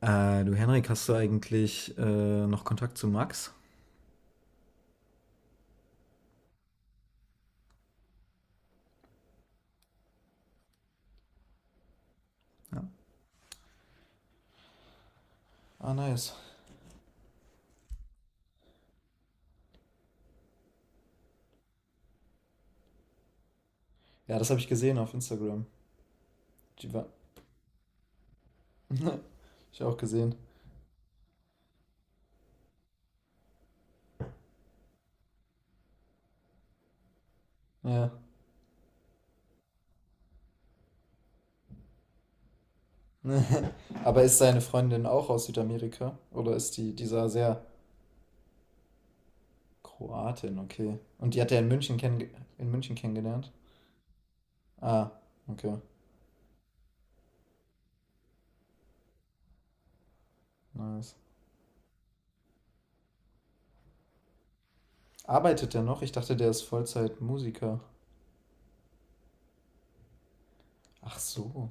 Du Henrik, hast du eigentlich noch Kontakt zu Max? Ja. Ah, nice. Ja, das habe ich gesehen auf Instagram. Die war. Hab ich auch gesehen. Ja. Aber ist seine Freundin auch aus Südamerika? Oder ist die dieser sehr Kroatin, okay. Und die hat er in München, in München kennengelernt? Ah, okay. Nice. Arbeitet der noch? Ich dachte, der ist Vollzeit-Musiker. Ach so.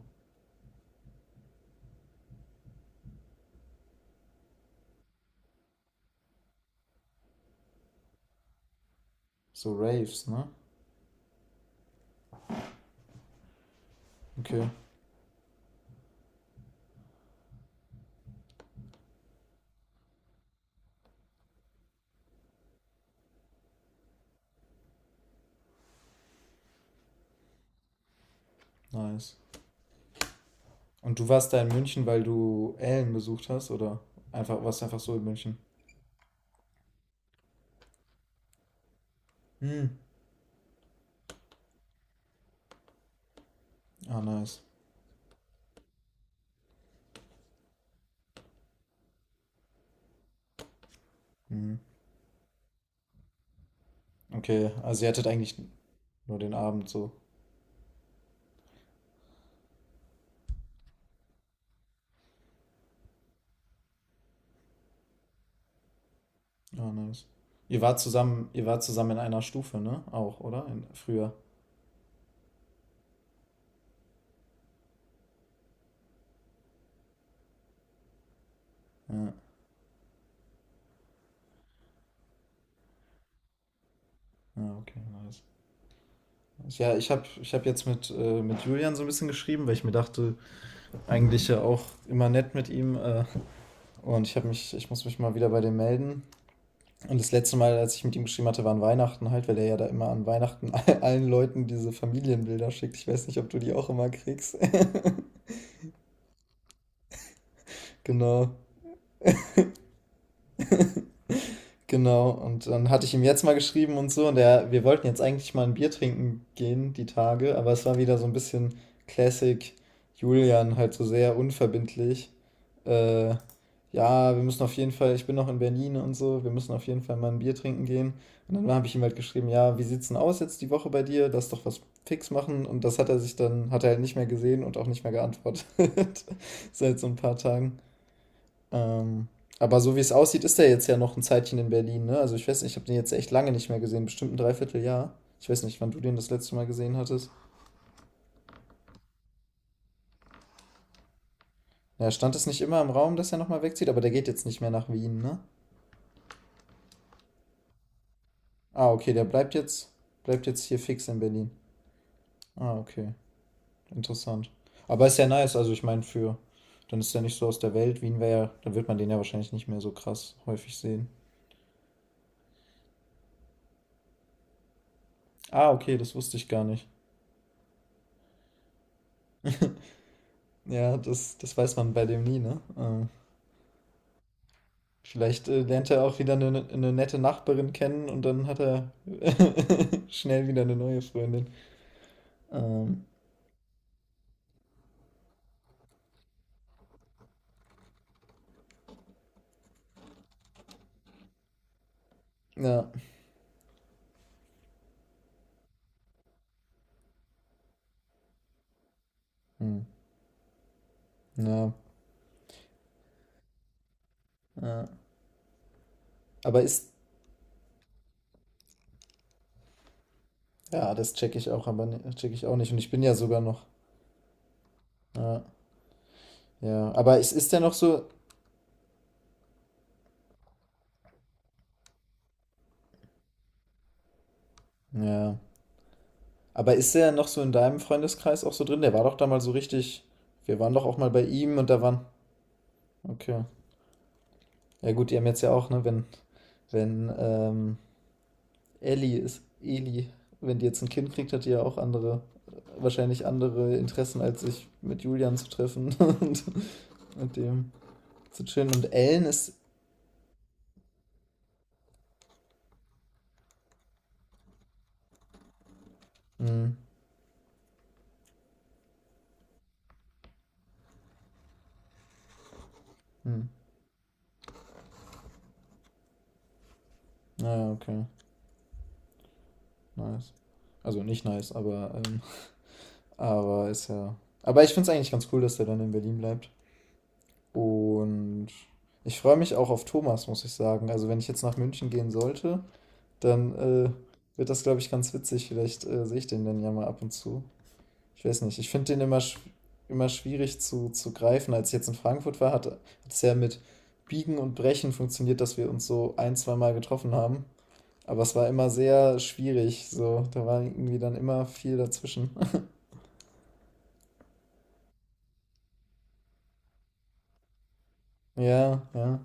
So Raves, ne? Okay, nice. Und du warst da in München, weil du Ellen besucht hast, oder? Einfach, warst du einfach so in München? Hm. Ah, nice. Hm. Okay, also ihr hattet eigentlich nur den Abend so. Ah, nice. Ihr wart zusammen in einer Stufe, ne? Auch, oder? In, früher. Ja. Ja, okay, nice. Ja, ich hab jetzt mit Julian so ein bisschen geschrieben, weil ich mir dachte, eigentlich ja auch immer nett mit ihm. Und ich muss mich mal wieder bei dem melden. Und das letzte Mal, als ich mit ihm geschrieben hatte, war an Weihnachten halt, weil er ja da immer an Weihnachten allen Leuten diese Familienbilder schickt. Ich weiß nicht, ob du die auch immer kriegst. Genau. Genau, und dann hatte ich ihm jetzt mal geschrieben und so, und er, wir wollten jetzt eigentlich mal ein Bier trinken gehen, die Tage, aber es war wieder so ein bisschen Classic Julian, halt so sehr unverbindlich. Äh, ja, wir müssen auf jeden Fall, ich bin noch in Berlin und so, wir müssen auf jeden Fall mal ein Bier trinken gehen. Und dann habe ich ihm halt geschrieben, ja, wie sieht's denn aus jetzt die Woche bei dir? Lass doch was fix machen. Und das hat er sich dann, hat er halt nicht mehr gesehen und auch nicht mehr geantwortet. Seit so ein paar Tagen. Ähm, aber so wie es aussieht, ist er jetzt ja noch ein Zeitchen in Berlin, ne? Also ich weiß nicht, ich habe den jetzt echt lange nicht mehr gesehen, bestimmt ein Dreivierteljahr. Ich weiß nicht, wann du den das letzte Mal gesehen hattest. Ja, stand es nicht immer im Raum, dass er nochmal wegzieht, aber der geht jetzt nicht mehr nach Wien, ne? Ah, okay, der bleibt jetzt hier fix in Berlin. Ah, okay, interessant. Aber ist ja nice, also ich meine, für, dann ist er nicht so aus der Welt. Wien wäre ja, dann wird man den ja wahrscheinlich nicht mehr so krass häufig sehen. Ah, okay, das wusste ich gar nicht. Ja, das, das weiß man bei dem nie, ne? Vielleicht lernt er auch wieder eine nette Nachbarin kennen und dann hat er schnell wieder eine neue Freundin. Ähm, ja. Hm. Ja. Ja. Aber ist. Ja, das checke ich auch, aber ne, check ich auch nicht. Und ich bin ja sogar noch. Ja. Ja. Aber ist der noch so. Ja. Aber ist der noch so in deinem Freundeskreis auch so drin? Der war doch da mal so richtig. Wir waren doch auch mal bei ihm und da waren. Okay. Ja gut, die haben jetzt ja auch, ne, wenn, wenn, ähm, Ellie ist Eli. Wenn die jetzt ein Kind kriegt, hat die ja auch andere, wahrscheinlich andere Interessen, als sich mit Julian zu treffen und mit dem zu chillen. Und Ellen ist. Hm, hm. Naja, okay. Nice. Also nicht nice, aber ist ja. Aber ich finde es eigentlich ganz cool, dass der dann in Berlin bleibt. Und ich freue mich auch auf Thomas, muss ich sagen. Also wenn ich jetzt nach München gehen sollte, dann wird das, glaube ich, ganz witzig. Vielleicht sehe ich den dann ja mal ab und zu. Ich weiß nicht, ich finde den immer, immer schwierig zu greifen. Als ich jetzt in Frankfurt war, hat es ja mit Biegen und Brechen funktioniert, dass wir uns so ein, zwei Mal getroffen haben. Aber es war immer sehr schwierig, so. Da war irgendwie dann immer viel dazwischen. Ja, ja.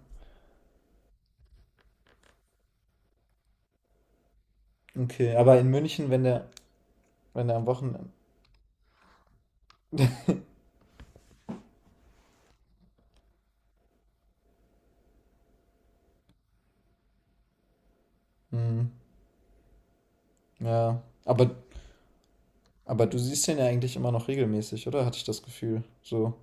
Okay, aber in München, wenn der, wenn der am Wochenende. Hm, ja. Aber du siehst den ja eigentlich immer noch regelmäßig, oder? Hatte ich das Gefühl. So.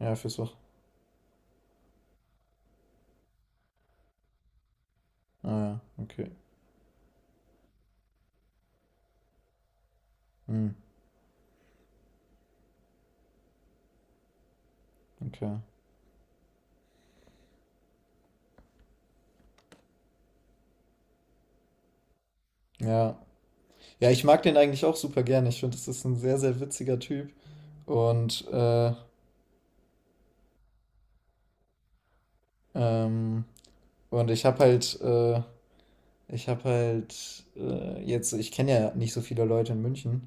Ja, fürs Wochenende. Ah ja, okay. Hm, okay. Ja. Ja, ich mag den eigentlich auch super gerne. Ich finde, das ist ein sehr, sehr witziger Typ. Und, äh, ähm, und ich habe halt jetzt, ich kenne ja nicht so viele Leute in München.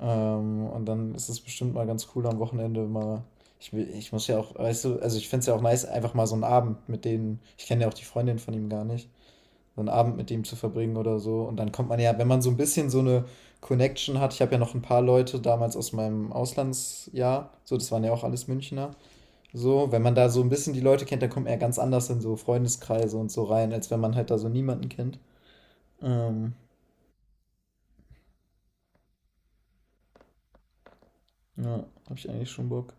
Und dann ist es bestimmt mal ganz cool am Wochenende mal. Ich muss ja auch, weißt du, also ich finde es ja auch nice, einfach mal so einen Abend mit denen. Ich kenne ja auch die Freundin von ihm gar nicht. So einen Abend mit ihm zu verbringen oder so. Und dann kommt man ja, wenn man so ein bisschen so eine Connection hat, ich habe ja noch ein paar Leute damals aus meinem Auslandsjahr, so, das waren ja auch alles Münchner. So, wenn man da so ein bisschen die Leute kennt, dann kommt man ja ganz anders in so Freundeskreise und so rein, als wenn man halt da so niemanden kennt. Ähm, ja, habe ich eigentlich schon Bock.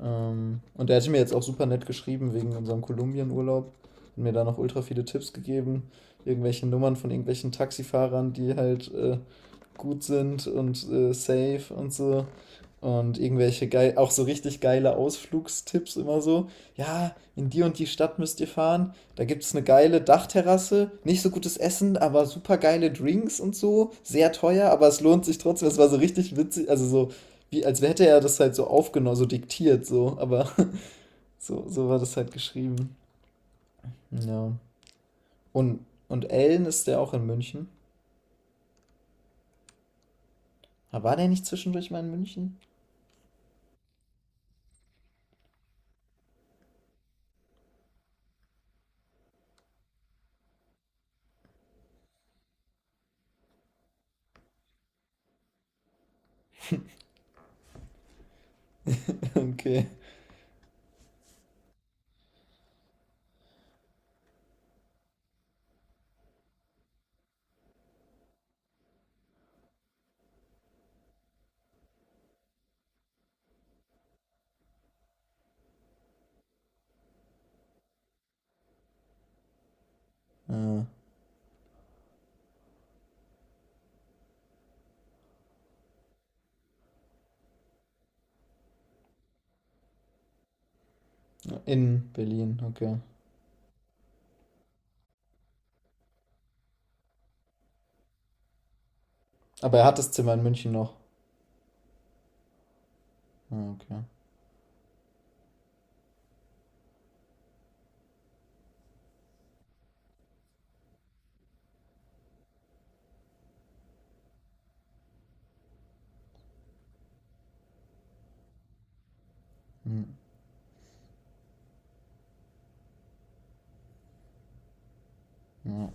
Und er hat mir jetzt auch super nett geschrieben wegen unserem Kolumbien-Urlaub. Hat mir da noch ultra viele Tipps gegeben. Irgendwelche Nummern von irgendwelchen Taxifahrern, die halt gut sind und safe und so. Und irgendwelche geil, auch so richtig geile Ausflugstipps immer so. Ja, in die und die Stadt müsst ihr fahren. Da gibt es eine geile Dachterrasse. Nicht so gutes Essen, aber super geile Drinks und so. Sehr teuer, aber es lohnt sich trotzdem. Es war so richtig witzig, also so wie, als hätte er das halt so aufgenommen, so diktiert, so, aber so, so war das halt geschrieben. Ja. Und Ellen ist der auch in München? Ah, war der nicht zwischendurch mal in München? Okay. Ah, in Berlin, okay. Aber er hat das Zimmer in München noch. Ah, okay. Hm, ja.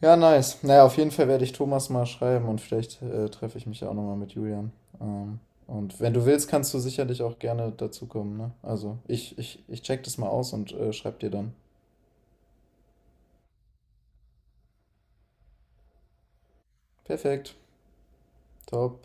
Ja, nice. Naja, auf jeden Fall werde ich Thomas mal schreiben und vielleicht treffe ich mich ja auch nochmal mit Julian. Ähm, und wenn du willst, kannst du sicherlich auch gerne dazukommen, ne? Also, ich check das mal aus und schreib dir dann. Perfekt. Top.